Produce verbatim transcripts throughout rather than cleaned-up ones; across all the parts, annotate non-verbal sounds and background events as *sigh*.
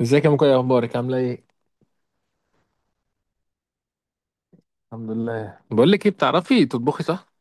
ازيك يا مكوي؟ إيه اخبارك؟ عامله ايه؟ الحمد لله. بقول لك ايه، بتعرفي تطبخي؟ صح؟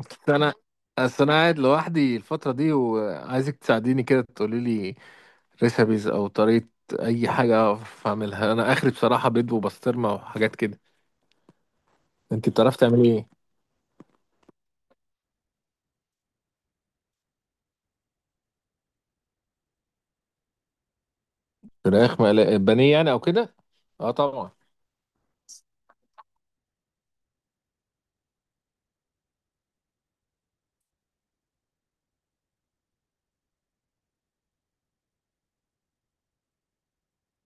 أصل انا اصل انا قاعد لوحدي الفتره دي، وعايزك تساعديني كده، تقولي لي ريسبيز او طريقه، اي حاجه اعرف اعملها. انا اخري بصراحه بيض وبسطرمه وحاجات كده. انت بتعرفي تعملي ايه؟ فراخ مقليه، بانيه يعني او كده. اه طبعا.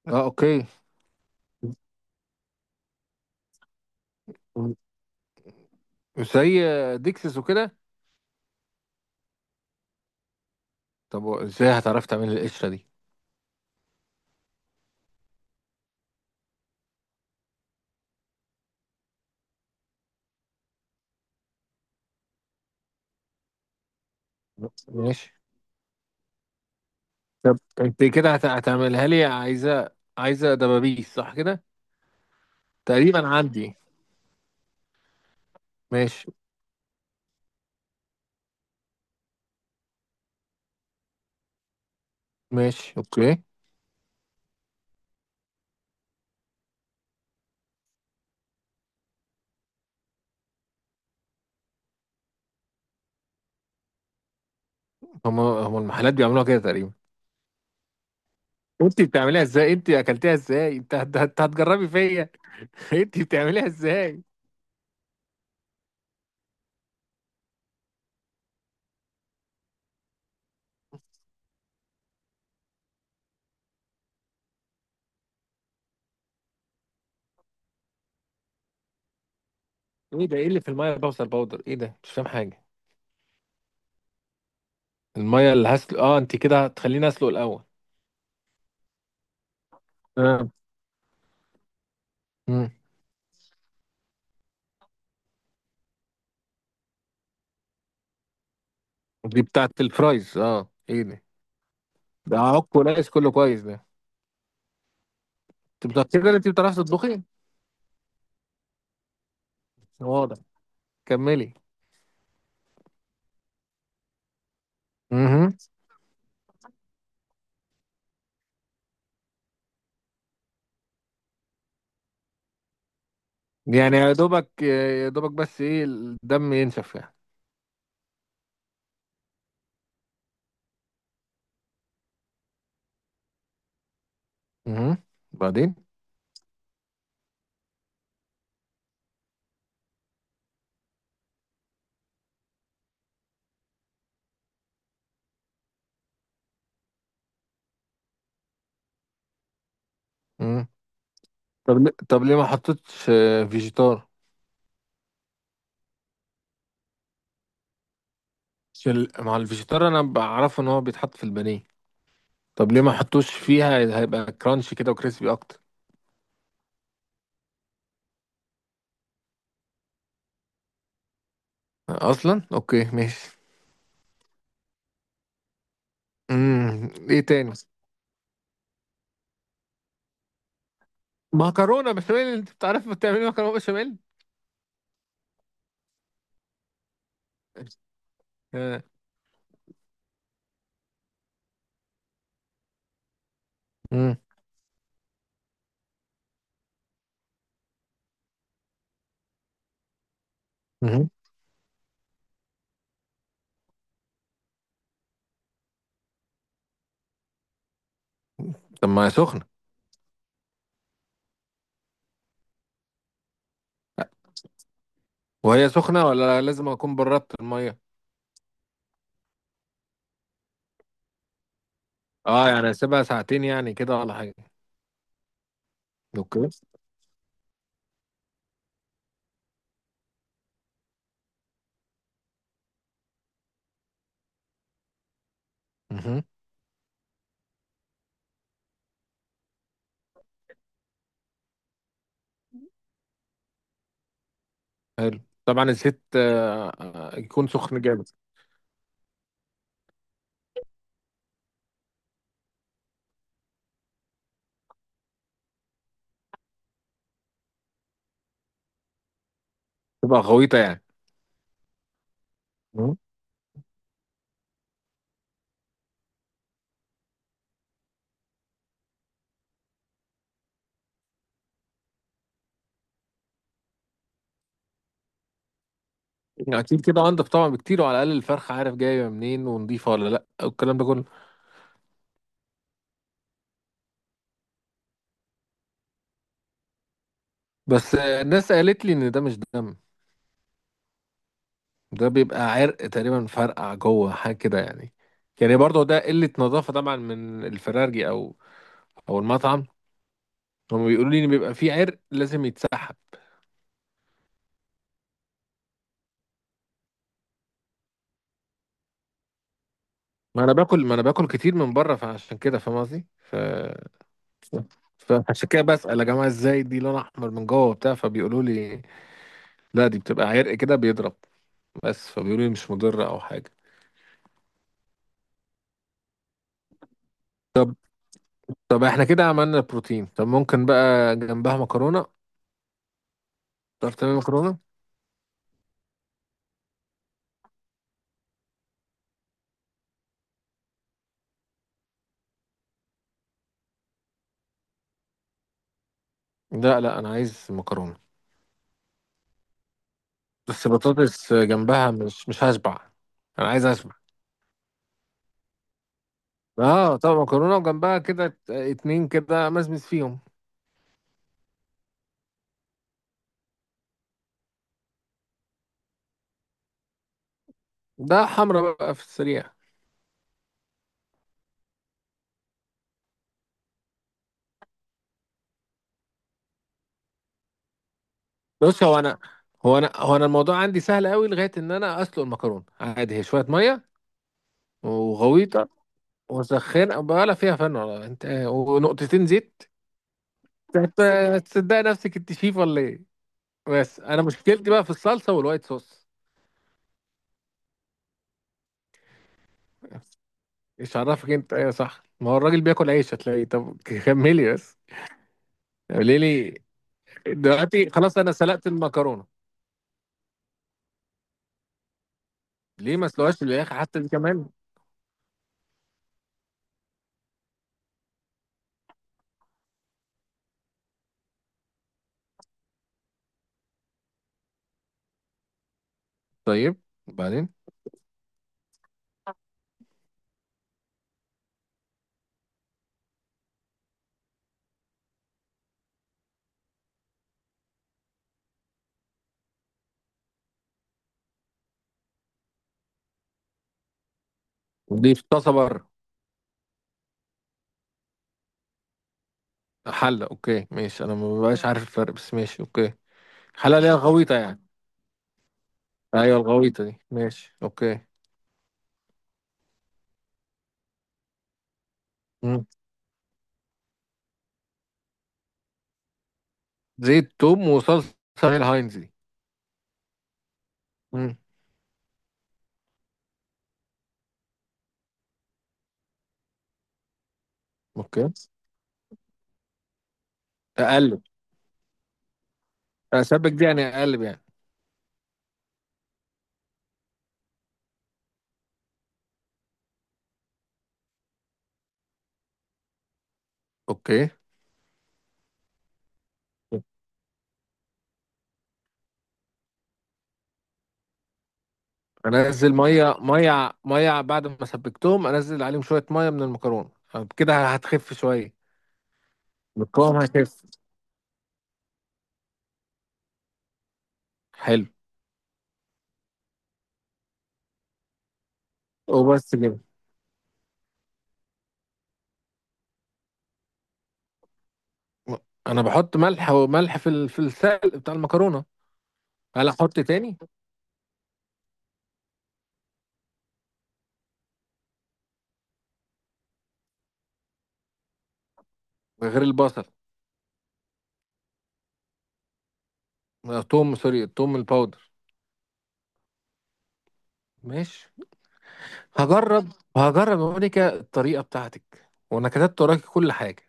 اه، اوكي. زي ديكسس وكده. طب ازاي هتعرفي تعملي القشره دي؟ ماشي. طب انت كده هت- هتعملها لي؟ عايزه، عايزه دبابيس صح كده؟ تقريبا عندي. ماشي. ماشي، اوكي. هم هم المحلات بيعملوها كده تقريبا. انت بتعمليها ازاي؟ انت اكلتيها ازاي؟ انت هت- هت- هتجربي فيا؟ *laughs* انت بتعمليها ازاي؟ ايه ده؟ ايه اللي في الميه، بوصل باودر؟ ايه ده؟ مش فاهم حاجه. الميه اللي هسلق؟ اه، انت كده هتخليني اسلق الاول؟ اه. مم. دي بتاعت الفرايز؟ اه، ايه ده؟ ده عك وناقص، كله كويس ده. انت متاكده ان انت بتعرفي تطبخي؟ واضح. كملي. امم. يعني يا دوبك يا دوبك، بس ايه، الدم ينشف يعني؟ امم. بعدين؟ طب ليه- طب ليه ما حطيتش آه، فيجيتار؟ عشان ال- مع الفيجيتار انا بعرفه ان هو بيتحط في البانيه. طب ليه ما حطوش فيها؟ هيبقى كرانشي كده وكريسبي اكتر. اصلا، اوكي ماشي. امم. ايه تاني؟ مكرونه بشاميل؟ انت بتعرف بتعملي مكرونه بشاميل؟ *laughs* آه. مم. مم. طب ما هي سخنه. وهي سخنه ولا لازم اكون بردت الميه؟ اه، يعني اسيبها ساعتين يعني كده ولا حاجه؟ اوكي. مم. طبعا الزيت آه، آه، يكون سخن جامد. تبقى غويطه يعني؟ يعني اكيد كده انضف طبعا بكتير، وعلى الاقل الفرخه عارف جايه منين ونضيفه ولا لا والكلام ده كله. بس آه، الناس قالت لي ان ده مش دم. ده بيبقى عرق تقريبا، فرقع جوه حاجه كده يعني. يعني برضه ده قله نظافه طبعا من الفرارجي، او او المطعم. هم بيقولوا لي ان بيبقى فيه عرق لازم يتسحب. ما انا باكل، ما انا باكل كتير من بره، فعشان كده فاهم قصدي ف... فعشان كده بسأل يا جماعه، ازاي دي لون احمر من جوه وبتاع، فبيقولوا لي لا دي بتبقى عرق كده بيضرب. بس فبيقولوا لي مش مضره او حاجه. طب احنا كده عملنا بروتين، طب ممكن بقى جنبها مكرونة؟ تعرف تعمل مكرونة؟ لا، لا، انا عايز مكرونة. بس بطاطس جنبها مش مش هشبع. انا عايز اشبع. اه، طب مكرونة وجنبها كده ات- اتنين كده مزمز فيهم. ده حمرا بقى، في السريع. بص، هو انا هو انا هو انا الموضوع عندي سهل قوي، لغاية ان انا اسلق المكرونة عادي، هي شوية مية وغويطة وسخنة بقى. لا فيها فن ولا انت ونقطتين زيت. هت- هتصدقي نفسك انت شيف ولا ايه؟ بس انا مشكلتي بقى في الصلصه والوايت صوص. ايش عرفك؟ انت ايه؟ صح، ما هو الراجل بياكل عيش هتلاقيه. طب كملي بس. ليه لي؟ دلوقتي خلاص انا سلقت المكرونه. ليه ما اسلقهاش للاخر حتى دي كمان؟ طيب. وبعدين؟ دي في طاسه بره؟ حله، اوكي ماشي، انا ما بقاش عارف الفرق، بس ماشي اوكي. حله اللي هي الغويطه يعني؟ ايوه، الغويطه دي، ماشي اوكي. مم. زيت، توم، وصلصه. هي الهاينز دي؟ مم. اوكي. اقلب. اسبك دي يعني اقلب يعني؟ اوكي. انزل ميه ميه ميه، بعد ما سبكتهم انزل عليهم شويه ميه من المكرونه. كده هتخف شويه. القوام هيخف. حلو. وبس كده؟ انا بحط ملح وملح في ال- في السلق بتاع المكرونه. هل احط تاني؟ غير البصل؟ آه، توم، سوري، التوم الباودر. ماشي. هجرب، هجرب يا مونيكا الطريقه بتاعتك، وانا كتبت وراكي كل حاجه.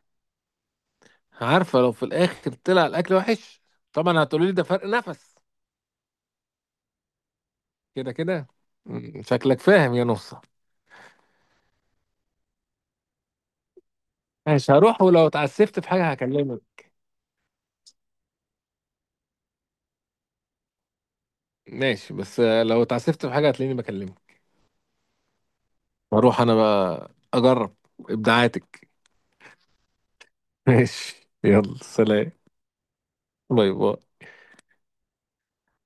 عارفه، لو في الاخر طلع الاكل وحش، طبعا هتقولي لي ده فرق نفس. كده كده. م، شكلك فاهم يا نصه. ماشي، هروح، ولو اتعسفت في حاجة هكلمك. ماشي، بس آه، لو اتعسفت في حاجة هتلاقيني بكلمك. هروح انا بقى اجرب ابداعاتك. *laughs* ماشي، يلا سلام. باي، باي.